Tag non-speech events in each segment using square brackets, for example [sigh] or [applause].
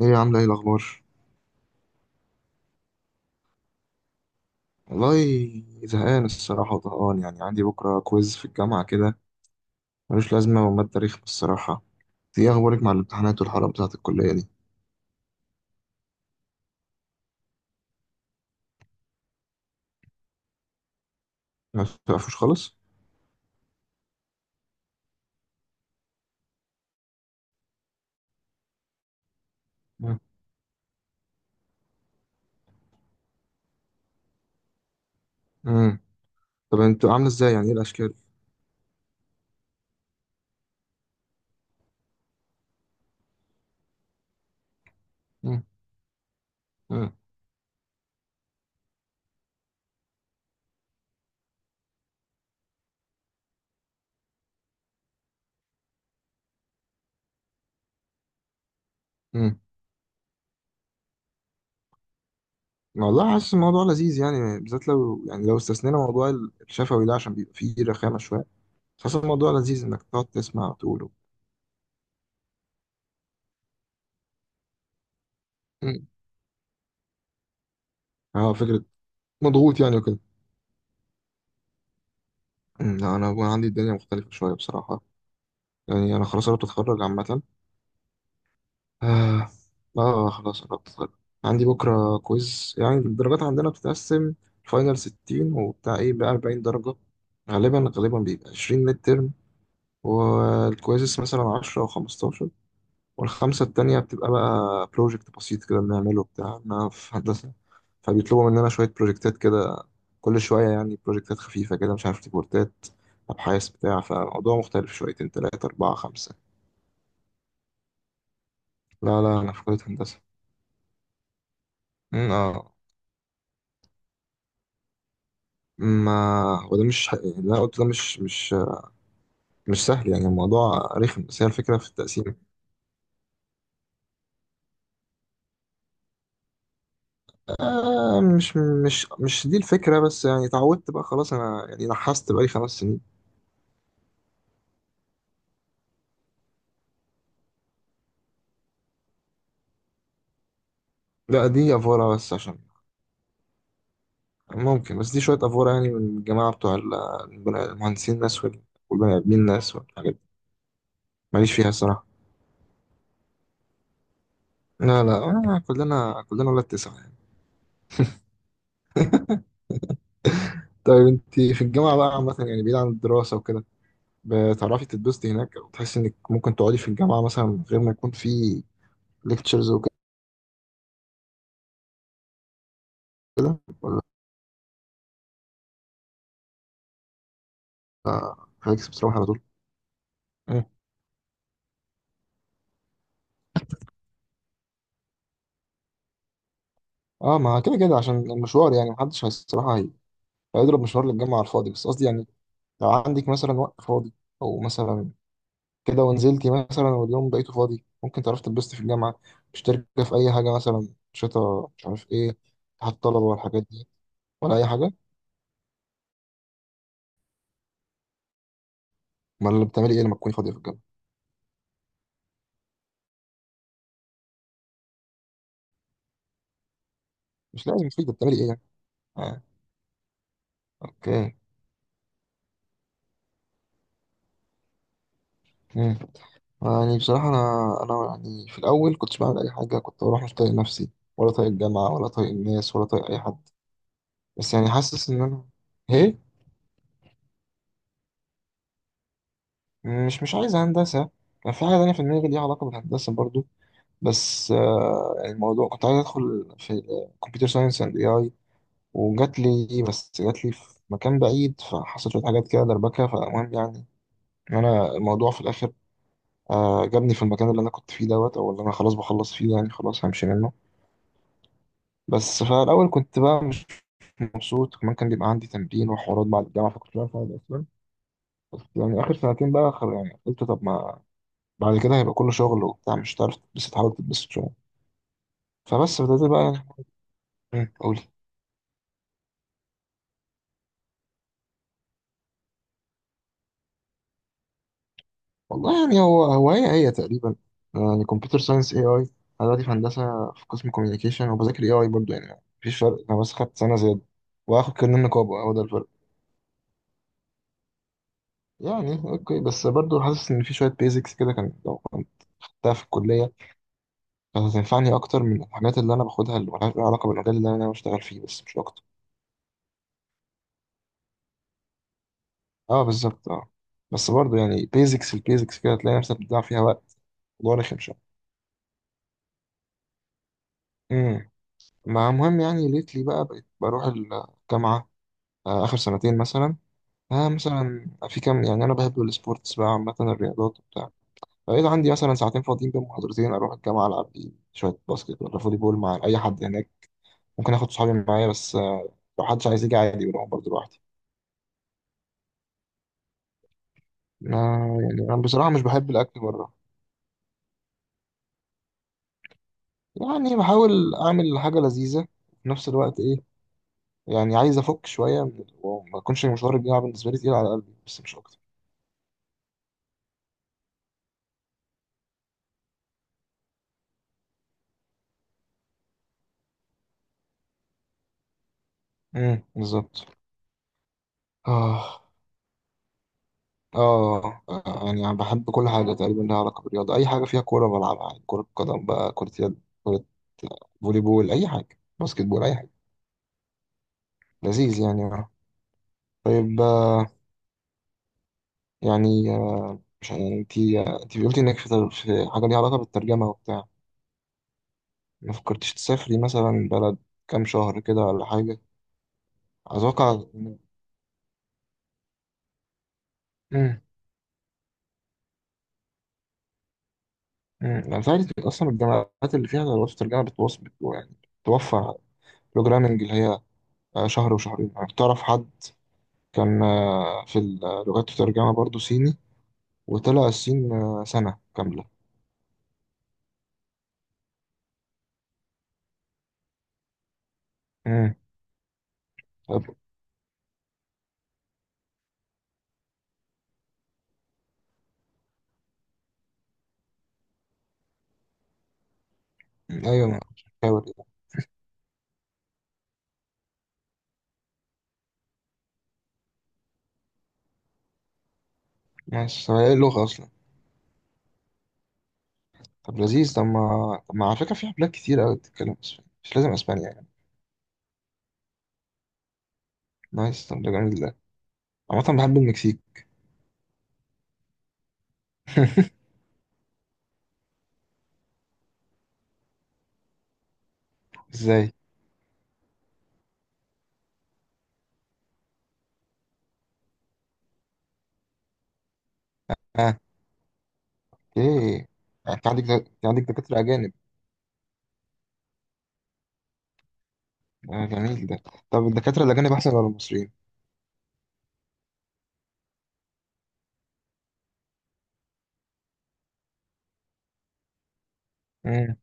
ايه يا عامله ايه الاخبار؟ والله، زهقان الصراحه وطهقان، يعني عندي بكره كويز في الجامعه كده ملوش لازمه، وماده تاريخ الصراحه. ايه اخبارك مع الامتحانات والحرب بتاعه الكليه دي؟ ما بتعرفوش خالص. مم. مم. طب انتوا عامله ازاي؟ يعني ايه الاشكال؟ مم. مم. مم. والله حاسس الموضوع لذيذ، يعني بالذات لو استثنينا موضوع الشفوي ده، عشان بيبقى فيه رخامه شويه. حاسس الموضوع لذيذ انك تقعد تسمع وتقول. مم. اه، فكره. مضغوط يعني وكده. مم. لا انا عندي الدنيا مختلفه شويه بصراحه. يعني أنا خلاص قربت أتخرج عامة. آه، آه، خلاص قربت أتخرج. عندي بكرة كويز، يعني الدرجات عندنا بتتقسم فاينل 60، وبتاع إيه بقى 40 درجة، غالبا غالبا بيبقى 20 ميد ترم، والكويزس مثلا 10 أو 15، والخمسة التانية بتبقى بقى بروجكت بسيط كده بنعمله بتاع، أنا في هندسة فبيطلبوا مننا شوية بروجكتات كده، كل شوية يعني بروجكتات خفيفة كده، مش عارف، ريبورتات، أبحاث بتاع، فالموضوع مختلف شويتين تلاتة أربعة خمسة. لا لا، أنا في كلية هندسة. مم، اه. ما هو ده مش ح- اللي انا قلته ده مش سهل يعني، الموضوع رخم بس هي الفكره في التقسيم. آه مش دي الفكره، بس يعني اتعودت بقى خلاص، انا يعني نحست بقالي خمس سنين. لا دي افوره بس عشان، ممكن، بس دي شويه افوره يعني، من الجماعه بتوع المهندسين الناس والبني ادمين الناس والحاجات دي، ماليش فيها الصراحه. لا لا، آه، كلنا كلنا ولاد تسعه يعني. طيب انت في الجامعه بقى عامه، يعني بعيد عن الدراسه وكده، بتعرفي تتبسطي هناك؟ او تحسي انك ممكن تقعدي في الجامعه مثلا من غير ما يكون في ليكتشرز وكده؟ ولا خليكي بتروحي على طول؟ مم. اه، ما كده كده عشان المشوار، يعني محدش الصراحه هيضرب مشوار للجامعه على الفاضي، بس قصدي يعني لو عندك مثلا وقت فاضي، او مثلا كده ونزلتي مثلا واليوم بقيته فاضي، ممكن تعرفي تتبسطي في الجامعه؟ مشتركه في اي حاجه مثلا، شتا مش عارف ايه، اتحاد الطلبه والحاجات دي؟ ولا اي حاجه؟ امال بتعملي ايه لما تكوني فاضيه في الجامعه؟ مش لازم مفيد، بتعملي ايه يعني؟ آه. اوكي. مم. يعني بصراحة أنا يعني في الأول كنتش بعمل أي حاجة، كنت بروح مش طايق نفسي ولا طايق الجامعة ولا طايق الناس ولا طايق أي حد، بس يعني حاسس إن أنا، إيه، مش عايز هندسة. كان في حاجة تانية في دماغي ليها علاقة بالهندسة برضو، بس يعني الموضوع كنت عايز أدخل في كمبيوتر ساينس أند إي أي، وجات لي بس جات لي في مكان بعيد، فحصلت شوية حاجات كده دربكة، فالمهم يعني إن أنا الموضوع في الآخر آه جابني في المكان اللي أنا كنت فيه دوت، أو اللي أنا خلاص بخلص فيه، يعني خلاص همشي منه. بس فالأول كنت بقى مبسوط، كمان كان بيبقى عندي تمرين وحوارات بعد الجامعة، فكنت بعرف أقعد أصلا، بس يعني آخر سنتين بقى خر، يعني قلت طب ما بعد كده هيبقى كله شغل وبتاع، مش هتعرف تتبسط، حاول تتبسط شوية، فبس بدأت بقى يعني. مم، قولي. والله يعني هو هو هي هي تقريبا، يعني كمبيوتر ساينس اي اي، أنا دلوقتي في هندسة في قسم كوميونيكيشن وبذاكر اي اي برضه، يعني مفيش فرق، أنا بس خدت سنة زيادة وآخد كارنيه نقابة، هو ده الفرق. يعني أوكي، بس برضه حاسس إن في شوية بيزكس كده، كان لو كنت خدتها في الكلية كانت هتنفعني أكتر من الحاجات اللي أنا باخدها اللي ملهاش علاقة بالمجال اللي أنا بشتغل فيه، بس مش أكتر. أه بالظبط، أه. بس برضه يعني بيزكس البيزكس كده تلاقي نفسك بتضيع فيها وقت، الموضوع رخم شوية. امم، مع المهم يعني، ليتلي بقى بقيت بروح الجامعة آه، آخر سنتين مثلا، آه مثلا في كام، يعني أنا بحب السبورتس بقى، عامة الرياضات وبتاع، فبقيت عندي مثلا ساعتين فاضيين بين محاضرتين أروح الجامعة ألعب لي شوية باسكت ولا فولي بول مع أي حد هناك، ممكن آخد صحابي معايا بس آه، لو حدش عايز يجي عادي بروح برضه لوحدي. ما يعني أنا بصراحة مش بحب الأكل بره، يعني بحاول أعمل حاجة لذيذة في نفس الوقت، إيه يعني عايز أفك شوية من وما أكونش مشوار الجامعة بالنسبة لي تقيل على قلبي، بس مش أكتر. بالظبط، آه، آه، يعني أنا بحب كل حاجة تقريبا لها علاقة بالرياضة، أي حاجة فيها كورة بلعبها، يعني كرة قدم بقى، كرة يد، كرة فولي بول، أي حاجة، باسكت بول، أي حاجة. لذيذ يعني، آه. طيب آه، يعني آه، مش يعني أنت، أنت قلتي إنك في حاجة ليها علاقة بالترجمة وبتاع، ما فكرتش تسافري مثلا بلد كام شهر كده ولا حاجة؟ أتوقع إن- مم. مم. أنا فعلا أصلا الجامعات اللي فيها دراسة الترجمة يعني بتوفر بروجرامنج اللي هي آه، شهر وشهرين، يعني تعرف حد كان آه، في اللغات الترجمة برضه صيني وطلع الصين آه، سنة كاملة. مم. طب أيوة مش حاول يعني. ماشي، طب هي اللغة أصلا؟ طب لذيذ، طب ما على فكرة في بلاد كتير أوي بتتكلم أسباني، مش لازم أسبانيا يعني. نايس، طب ده جميل ده، عامة بحب المكسيك. [laughs] ازاي؟ اه، اوكي، انت عندك انت عندك دكاترة أجانب؟ آه، جميل ده، طب الدكاترة الأجانب أحسن ولا المصريين؟ امم،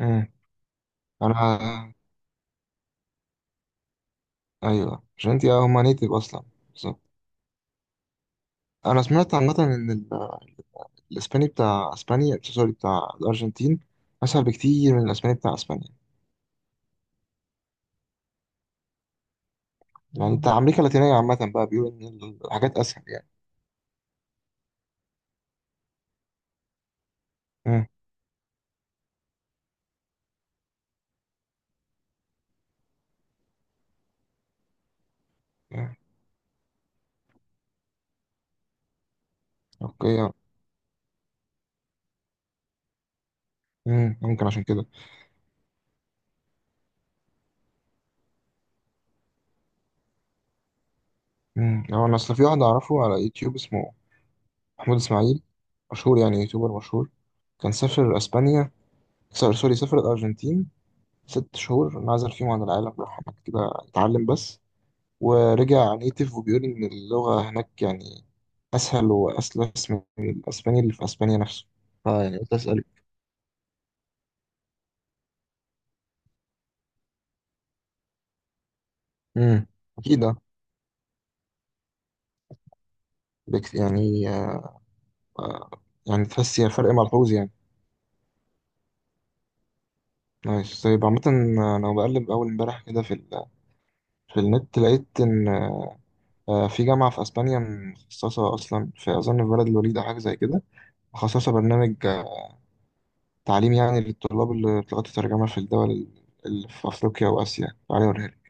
امم، أنا آه، أيوه عشان أنت هما نيتف أصلا، بالظبط. أنا سمعت عامة إن الإسباني بتاع أسبانيا، سوري بتاع الأرجنتين، أسهل بكتير من الإسباني بتاع أسبانيا، يعني بتاع أمريكا اللاتينية عامة بقى بيقولوا إن الحاجات أسهل يعني. امم. أمم. أوكي. ممكن عشان كده. هو أنا أصل في واحد أعرفه على يوتيوب اسمه محمود إسماعيل، مشهور، يعني يوتيوبر مشهور، كان سافر أسبانيا، سوري سوري، سافر الأرجنتين ست شهور، انعزل فيهم عن العالم، راح هناك كده اتعلم بس، ورجع نيتيف وبيقول إن اللغة هناك يعني أسهل وأسلس من الأسباني اللي في أسبانيا نفسه. اه يعني قلت أسأل. امم، أكيد آه. يعني آه، يعني تحس هي فرق ملحوظ يعني؟ نايس. طيب عامة آه، أنا بقلب أول امبارح كده في ال... في النت لقيت إن آه، في جامعة في أسبانيا مخصصة أصلا في، أظن في بلد الوليد أو حاجة زي كده، مخصصة برنامج آه، تعليم يعني للطلاب اللي بتلغة الترجمة في الدول اللي في أفريقيا وآسيا، تعالى أوريها.